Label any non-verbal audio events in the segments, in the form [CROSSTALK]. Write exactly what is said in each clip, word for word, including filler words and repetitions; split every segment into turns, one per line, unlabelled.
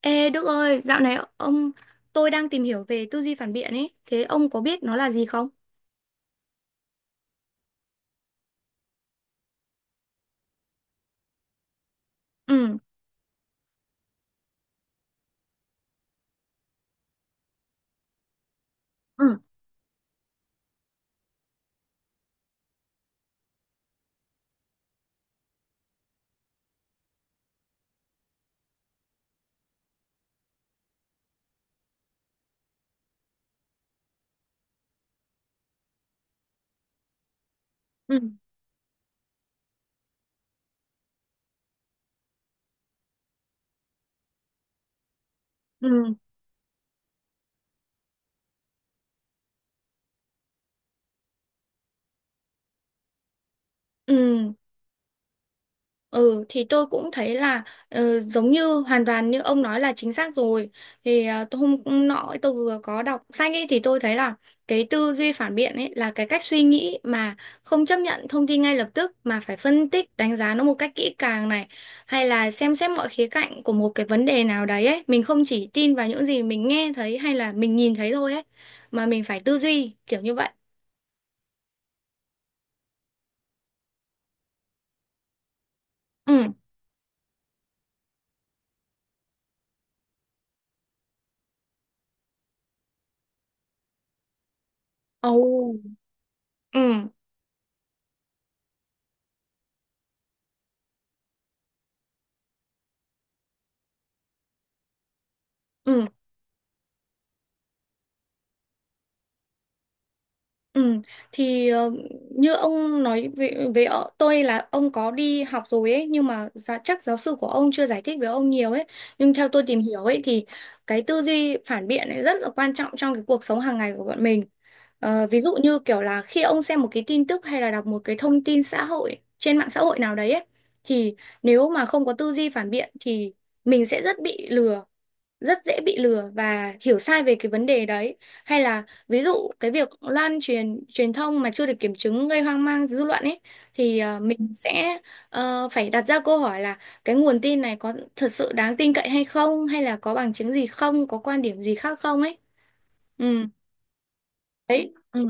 Ê Đức ơi, dạo này ông, tôi đang tìm hiểu về tư duy phản biện ấy, thế ông có biết nó là gì không? Ừ, ừ, ừ, ừ, ừ. Ừ thì tôi cũng thấy là ờ, giống như hoàn toàn như ông nói là chính xác rồi. Thì ờ, tôi hôm nọ tôi vừa có đọc sách ấy thì tôi thấy là cái tư duy phản biện ấy là cái cách suy nghĩ mà không chấp nhận thông tin ngay lập tức mà phải phân tích đánh giá nó một cách kỹ càng này, hay là xem xét mọi khía cạnh của một cái vấn đề nào đấy ấy. Mình không chỉ tin vào những gì mình nghe thấy hay là mình nhìn thấy thôi ấy, mà mình phải tư duy kiểu như vậy. Ừ. Ồ. Ừ, ừ. Ừ, thì ờ, như ông nói về, về ờ, tôi là ông có đi học rồi ấy, nhưng mà giá, chắc giáo sư của ông chưa giải thích với ông nhiều ấy. Nhưng theo tôi tìm hiểu ấy thì cái tư duy phản biện ấy rất là quan trọng trong cái cuộc sống hàng ngày của bọn mình. Ờ, ví dụ như kiểu là khi ông xem một cái tin tức hay là đọc một cái thông tin xã hội trên mạng xã hội nào đấy ấy, thì nếu mà không có tư duy phản biện thì mình sẽ rất bị lừa, rất dễ bị lừa và hiểu sai về cái vấn đề đấy. Hay là ví dụ cái việc lan truyền truyền thông mà chưa được kiểm chứng gây hoang mang dư luận ấy, thì ờ, mình sẽ ờ, phải đặt ra câu hỏi là cái nguồn tin này có thật sự đáng tin cậy hay không, hay là có bằng chứng gì không, có quan điểm gì khác không ấy. Ừ. Đấy. Ừ,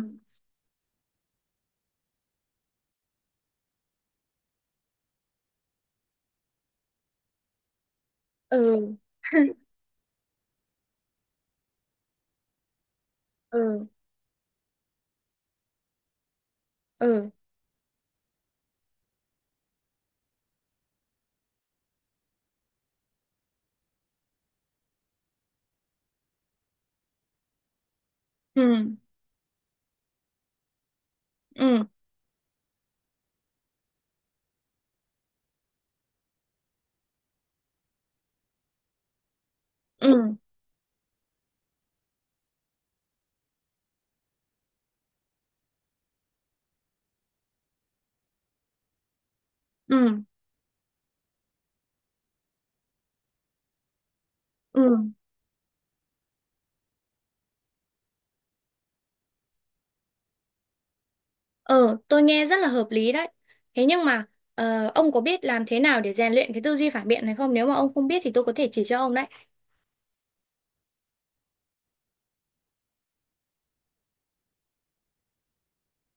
ừ, ừ, ừ, ừ, ừ, ừ, ừ, ừ, ừ. Ờ, tôi nghe rất là hợp lý đấy. Thế nhưng mà ờ, ông có biết làm thế nào để rèn luyện cái tư duy phản biện này không? Nếu mà ông không biết thì tôi có thể chỉ cho ông đấy.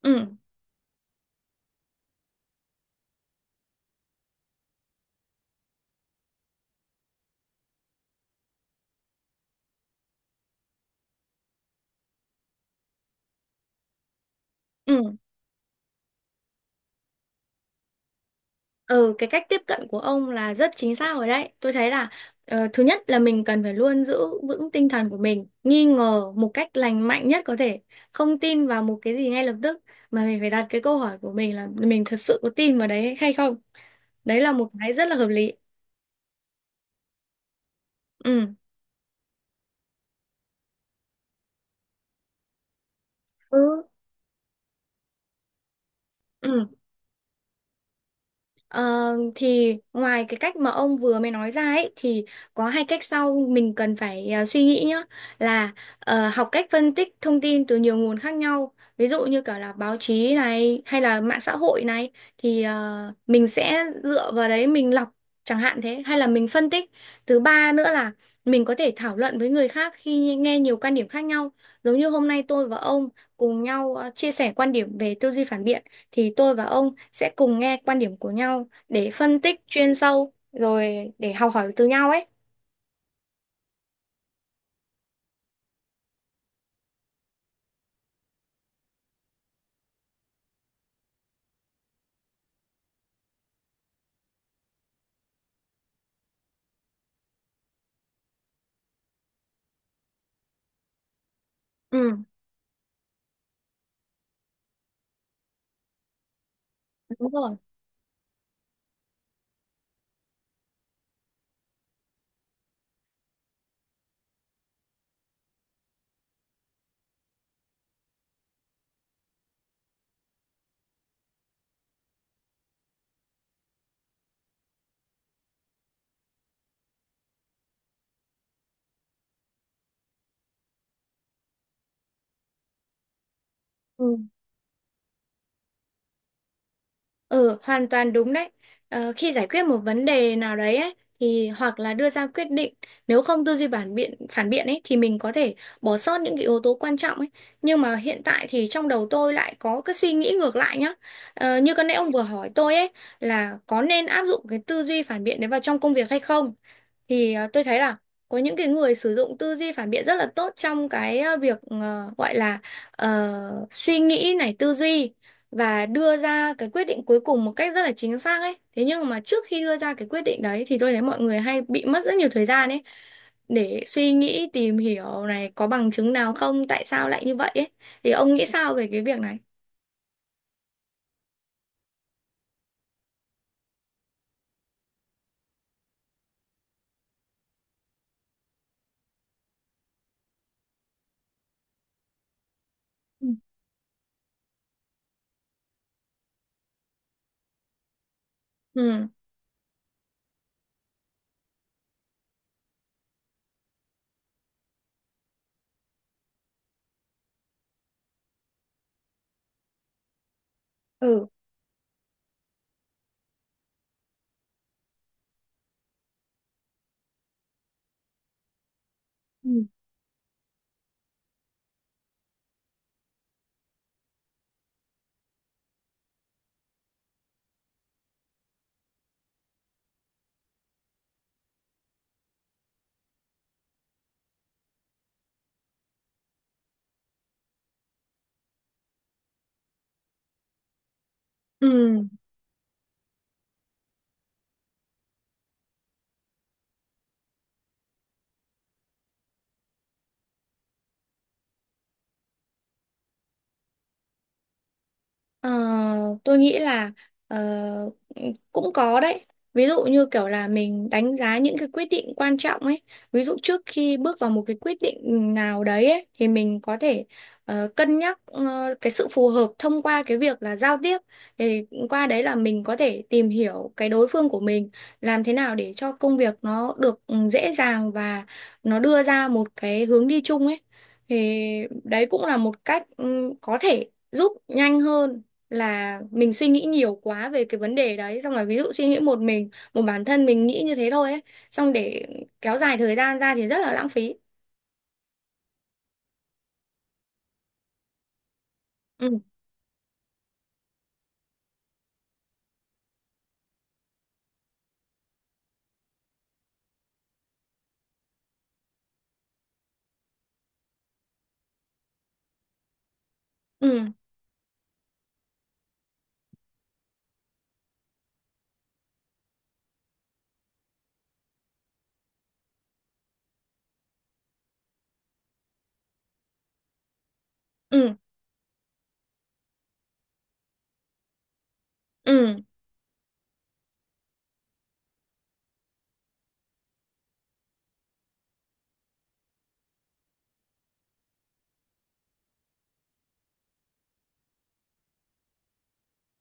Ừ, ừ, ừ, cái cách tiếp cận của ông là rất chính xác rồi đấy. Tôi thấy là ờ, thứ nhất là mình cần phải luôn giữ vững tinh thần của mình, nghi ngờ một cách lành mạnh nhất có thể, không tin vào một cái gì ngay lập tức, mà mình phải đặt cái câu hỏi của mình là mình thật sự có tin vào đấy hay không. Đấy là một cái rất là hợp lý. Ừ, ừ, ừ. Ờ, thì ngoài cái cách mà ông vừa mới nói ra ấy, thì có hai cách sau mình cần phải ờ, suy nghĩ nhá. Là ờ, học cách phân tích thông tin từ nhiều nguồn khác nhau, ví dụ như cả là báo chí này hay là mạng xã hội này, thì ờ, mình sẽ dựa vào đấy mình lọc chẳng hạn thế, hay là mình phân tích. Thứ ba nữa là mình có thể thảo luận với người khác khi nghe nhiều quan điểm khác nhau, giống như hôm nay tôi và ông cùng nhau ờ, chia sẻ quan điểm về tư duy phản biện, thì tôi và ông sẽ cùng nghe quan điểm của nhau để phân tích chuyên sâu rồi để học hỏi từ nhau ấy. Ừ. Đúng rồi. Ừ. Ừ, hoàn toàn đúng đấy. Ờ, khi giải quyết một vấn đề nào đấy ấy, thì hoặc là đưa ra quyết định, nếu không tư duy phản biện phản biện ấy thì mình có thể bỏ sót những cái yếu tố quan trọng ấy. Nhưng mà hiện tại thì trong đầu tôi lại có cái suy nghĩ ngược lại nhá. Ờ, như cái nãy ông vừa hỏi tôi ấy là có nên áp dụng cái tư duy phản biện đấy vào trong công việc hay không? Thì ờ, tôi thấy là có những cái người sử dụng tư duy phản biện rất là tốt trong cái ờ, việc ờ, gọi là ờ, suy nghĩ này, tư duy và đưa ra cái quyết định cuối cùng một cách rất là chính xác ấy. Thế nhưng mà trước khi đưa ra cái quyết định đấy thì tôi thấy mọi người hay bị mất rất nhiều thời gian ấy để suy nghĩ, tìm hiểu này có bằng chứng nào không, tại sao lại như vậy ấy. Thì ông nghĩ sao về cái việc này? Ừ. Ừ. Ừ, ừ. Ừ. Ờ, tôi nghĩ là ờ, cũng có đấy. Ví dụ như kiểu là mình đánh giá những cái quyết định quan trọng ấy. Ví dụ trước khi bước vào một cái quyết định nào đấy ấy, thì mình có thể ờ, cân nhắc ờ, cái sự phù hợp thông qua cái việc là giao tiếp. Thì qua đấy là mình có thể tìm hiểu cái đối phương của mình, làm thế nào để cho công việc nó được ừ, dễ dàng và nó đưa ra một cái hướng đi chung ấy. Thì đấy cũng là một cách ừ, có thể giúp nhanh hơn là mình suy nghĩ nhiều quá về cái vấn đề đấy, xong rồi ví dụ suy nghĩ một mình, một bản thân mình nghĩ như thế thôi ấy, xong để kéo dài thời gian ra thì rất là lãng phí. Ừ, ừ, ừ, ừ,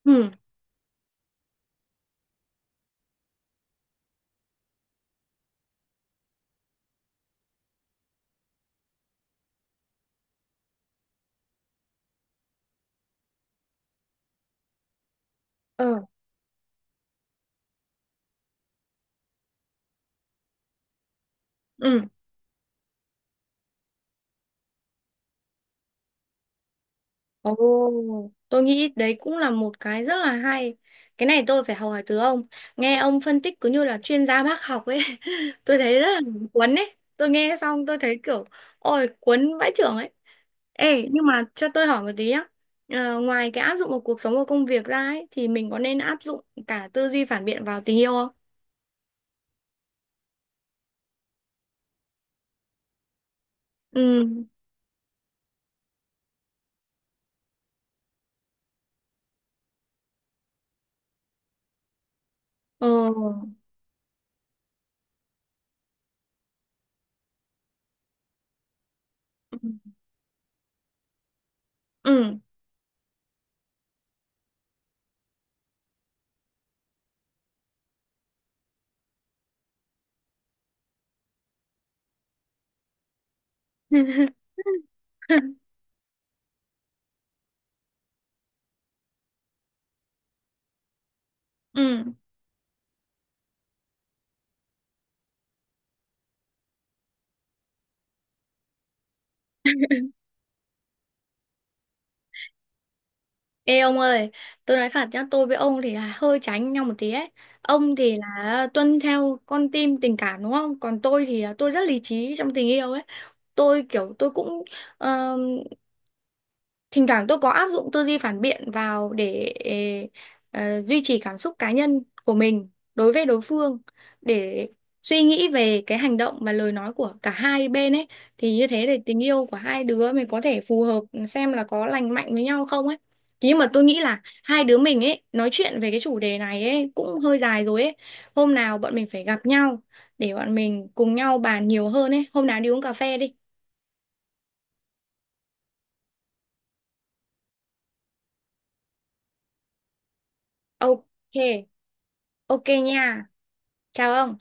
ừ, ừ, ừ. Ồ, tôi nghĩ đấy cũng là một cái rất là hay. Cái này tôi phải học hỏi từ ông. Nghe ông phân tích cứ như là chuyên gia bác học ấy. [LAUGHS] Tôi thấy rất là cuốn ấy. Tôi nghe xong tôi thấy kiểu, ôi cuốn vãi chưởng ấy. Ê, nhưng mà cho tôi hỏi một tí á. Ờ, ngoài cái áp dụng vào cuộc sống và công việc ra ấy, thì mình có nên áp dụng cả tư duy phản biện vào tình yêu không? Ừ. Ồ. Ừ. Ừ. [LAUGHS] Ừ. Ê ông ơi, tôi nói thật nhá, tôi với ông thì là hơi tránh nhau một tí ấy. Ông thì là tuân theo con tim tình cảm đúng không? Còn tôi thì là tôi rất lý trí trong tình yêu ấy. Tôi kiểu, tôi cũng ờ, thỉnh thoảng tôi có áp dụng tư duy phản biện vào để ờ, duy trì cảm xúc cá nhân của mình đối với đối phương, để suy nghĩ về cái hành động và lời nói của cả hai bên ấy, thì như thế để tình yêu của hai đứa mình có thể phù hợp, ừ, xem là có lành mạnh với nhau không ấy. Thế nhưng mà tôi nghĩ là hai đứa mình ấy nói chuyện về cái chủ đề này ấy cũng hơi dài rồi ấy, hôm nào bọn mình phải gặp nhau để bọn mình cùng nhau bàn nhiều hơn ấy, hôm nào đi uống cà phê đi. Ok. Ok nha. Chào ông.